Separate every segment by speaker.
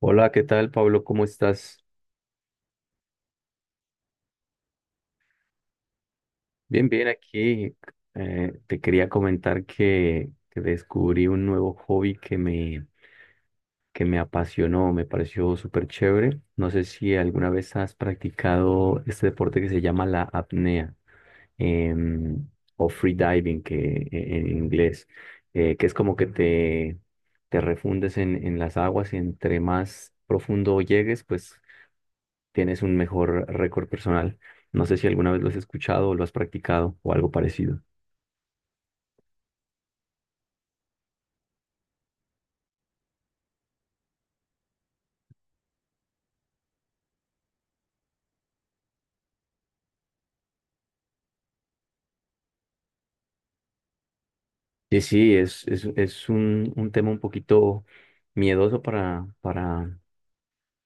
Speaker 1: Hola, ¿qué tal, Pablo? ¿Cómo estás? Bien, bien, aquí te quería comentar que descubrí un nuevo hobby que me apasionó, me pareció súper chévere. No sé si alguna vez has practicado este deporte que se llama la apnea em, o free diving, en inglés, que es como que te refundes en las aguas y entre más profundo llegues, pues tienes un mejor récord personal. No sé si alguna vez lo has escuchado o lo has practicado o algo parecido. Sí, sí, es un tema un poquito miedoso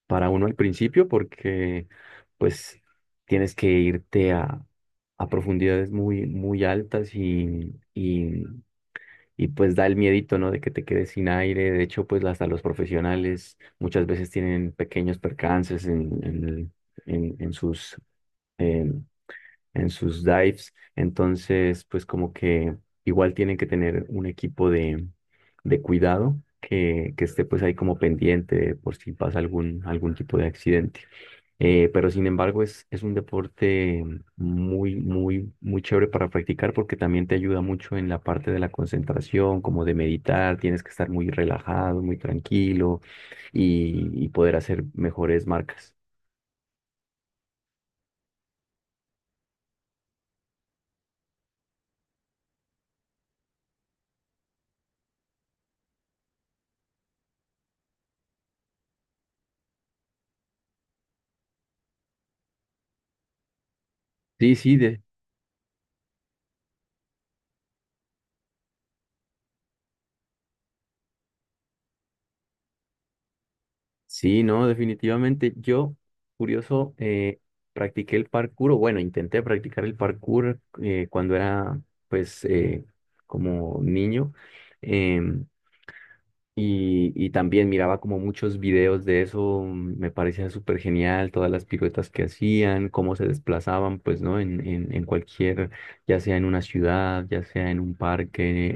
Speaker 1: para uno al principio porque pues tienes que a profundidades muy, muy altas y pues da el miedito, ¿no? De que te quedes sin aire. De hecho, pues hasta los profesionales muchas veces tienen pequeños percances en sus... em, en sus dives. Entonces, pues como que igual tienen que tener un equipo de cuidado que esté pues ahí como pendiente por si pasa algún tipo de accidente. Pero sin embargo es un deporte muy, muy, muy chévere para practicar porque también te ayuda mucho en la parte de la concentración, como de meditar, tienes que estar muy relajado, muy tranquilo y poder hacer mejores marcas. Sí, sí, de, Sí, no, definitivamente. Curioso, practiqué el parkour, o bueno, intenté practicar el parkour cuando era, pues, como niño. em, y y también miraba como muchos videos de eso, me parecía súper genial, todas las piruetas que hacían, cómo se desplazaban, pues, ¿no? En cualquier, ya sea en una ciudad, ya sea en un parque,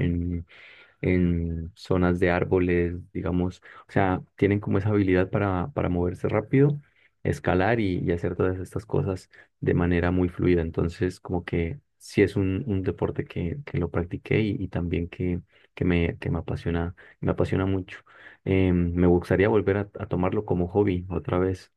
Speaker 1: en zonas de árboles, digamos. O sea, tienen como esa habilidad para moverse rápido, escalar y hacer todas estas cosas de manera muy fluida. Entonces, como que sí es un deporte que lo practiqué y también que me apasiona mucho. Me gustaría volver a tomarlo como hobby otra vez.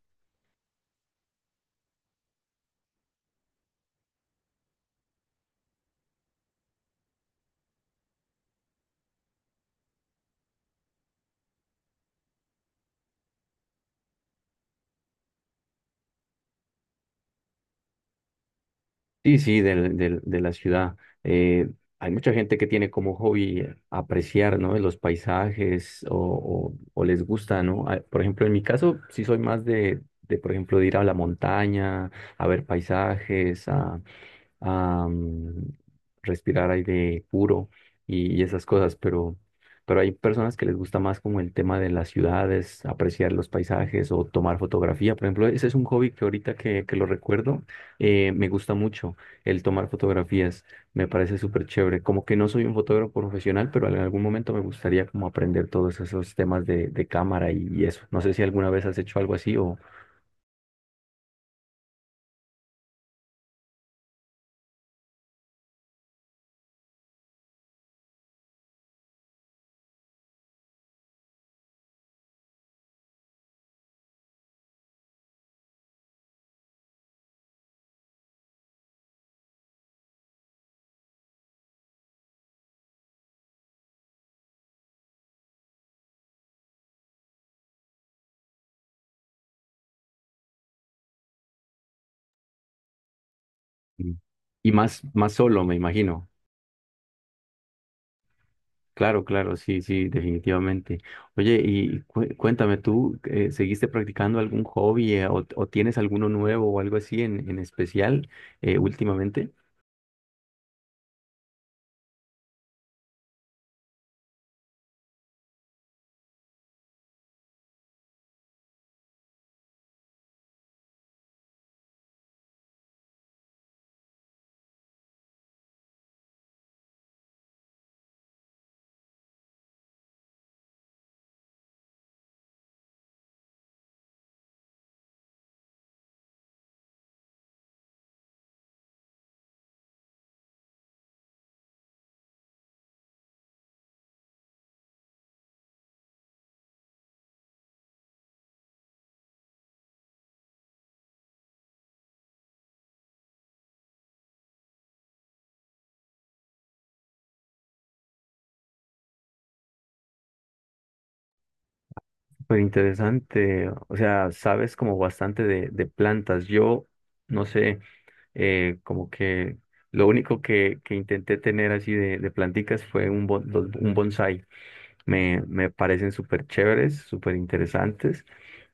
Speaker 1: Sí, sí, de la ciudad. Eh, Hay mucha gente que tiene como hobby apreciar, ¿no? Los paisajes o, o les gusta, ¿no? Ah, por ejemplo, en mi caso, sí soy más de, por ejemplo, de ir a la montaña, a ver paisajes, a respirar aire puro y esas cosas, pero hay personas que les gusta más como el tema de las ciudades, apreciar los paisajes o tomar fotografía. Por ejemplo, ese es un hobby que ahorita que lo recuerdo, me gusta mucho el tomar fotografías, me parece súper chévere. Como que no soy un fotógrafo profesional, pero en algún momento me gustaría como aprender todos esos temas de cámara y eso. No sé si alguna vez has hecho algo así o... Y más, más solo, me imagino. Claro, claro, sí, sí, definitivamente. Oye, y cuéntame, ¿tú seguiste practicando algún hobby o tienes alguno nuevo o algo así en especial últimamente? Pero interesante, o sea, sabes como bastante de plantas. Yo, no sé, como que lo único que intenté tener así de planticas fue un bonsai. Me parecen súper chéveres, súper interesantes.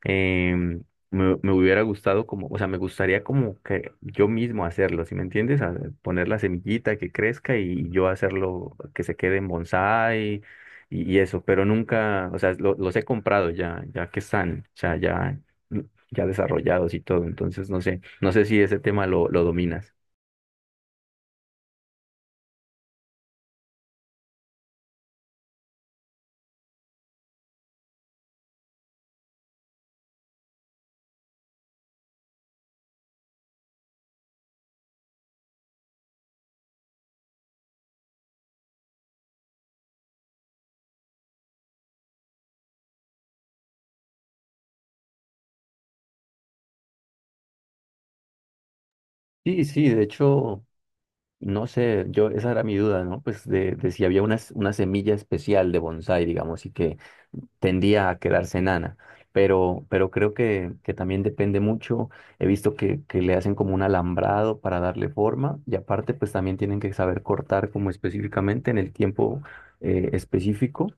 Speaker 1: Em, Me hubiera gustado como, o sea, me gustaría como que yo mismo hacerlo, ¿si me entiendes? Poner la semillita que crezca y yo hacerlo que se quede en bonsái y eso, pero nunca, o sea, los he comprado ya, ya que están, o sea, ya, ya desarrollados y todo, entonces no sé, no sé si ese tema lo dominas. Sí, sí, de hecho. No sé, yo esa era mi duda, ¿no? Pues de si había una, una semilla especial de bonsái, digamos, y que tendía a quedarse enana. Pero creo que también depende mucho. He visto que le hacen como un alambrado para darle forma y aparte pues también tienen que saber cortar como específicamente en el tiempo específico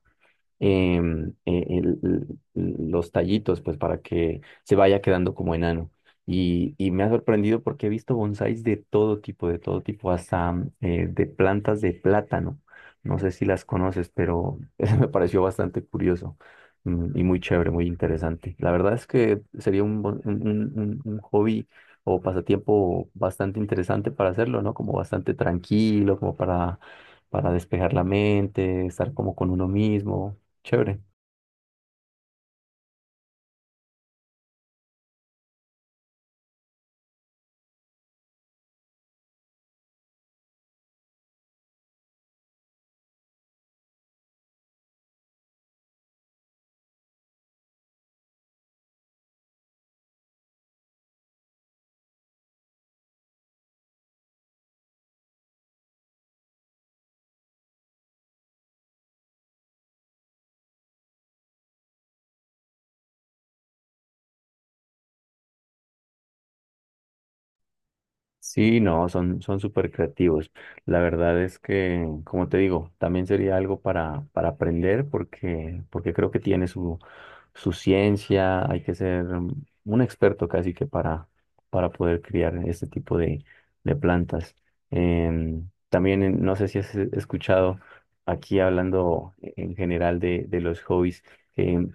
Speaker 1: em, eh, el- los tallitos, pues para que se vaya quedando como enano. Y y me ha sorprendido porque he visto bonsáis de todo tipo, hasta de plantas de plátano. No sé si las conoces, pero eso me pareció bastante curioso y muy chévere, muy interesante. La verdad es que sería un, bon- un hobby o pasatiempo bastante interesante para hacerlo, ¿no? Como bastante tranquilo, como para despejar la mente, estar como con uno mismo. Chévere. Sí, no, son, son súper creativos. La verdad es que, como te digo, también sería algo para aprender porque, porque creo que tiene su, su ciencia. Hay que ser un experto casi que para poder criar este tipo de plantas. También, no sé si has escuchado aquí hablando en general de los hobbies. em,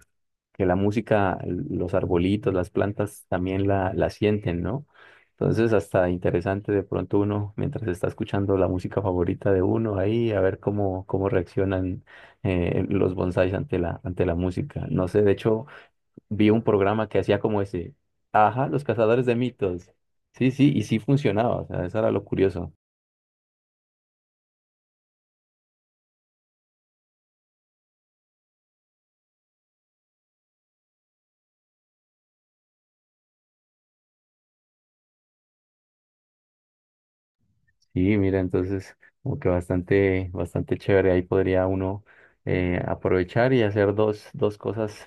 Speaker 1: que la música, los arbolitos, las plantas también la sienten, ¿no? Entonces, hasta interesante de pronto uno, mientras está escuchando la música favorita de uno, ahí a ver cómo, cómo reaccionan los bonsáis ante ante la música. No sé, de hecho, vi un programa que hacía como ese, ajá, los cazadores de mitos. Sí, sí, y sí funcionaba, o sea, eso era lo curioso. Sí, mira, entonces como que bastante, bastante chévere. Ahí podría uno aprovechar y hacer dos, dos cosas,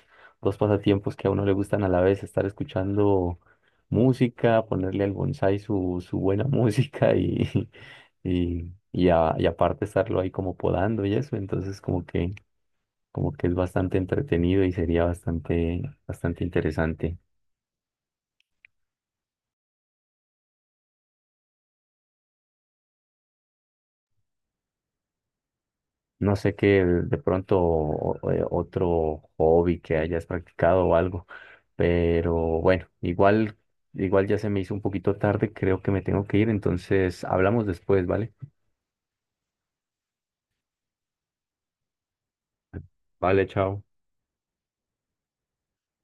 Speaker 1: dos pasatiempos que a uno le gustan a la vez, estar escuchando música, ponerle al bonsái su, su buena música y aparte estarlo ahí como podando y eso. Entonces como que es bastante entretenido y sería bastante, bastante interesante. No sé qué de pronto otro hobby que hayas practicado o algo, pero bueno, igual, igual ya se me hizo un poquito tarde, creo que me tengo que ir, entonces hablamos después, ¿vale? Vale, chao.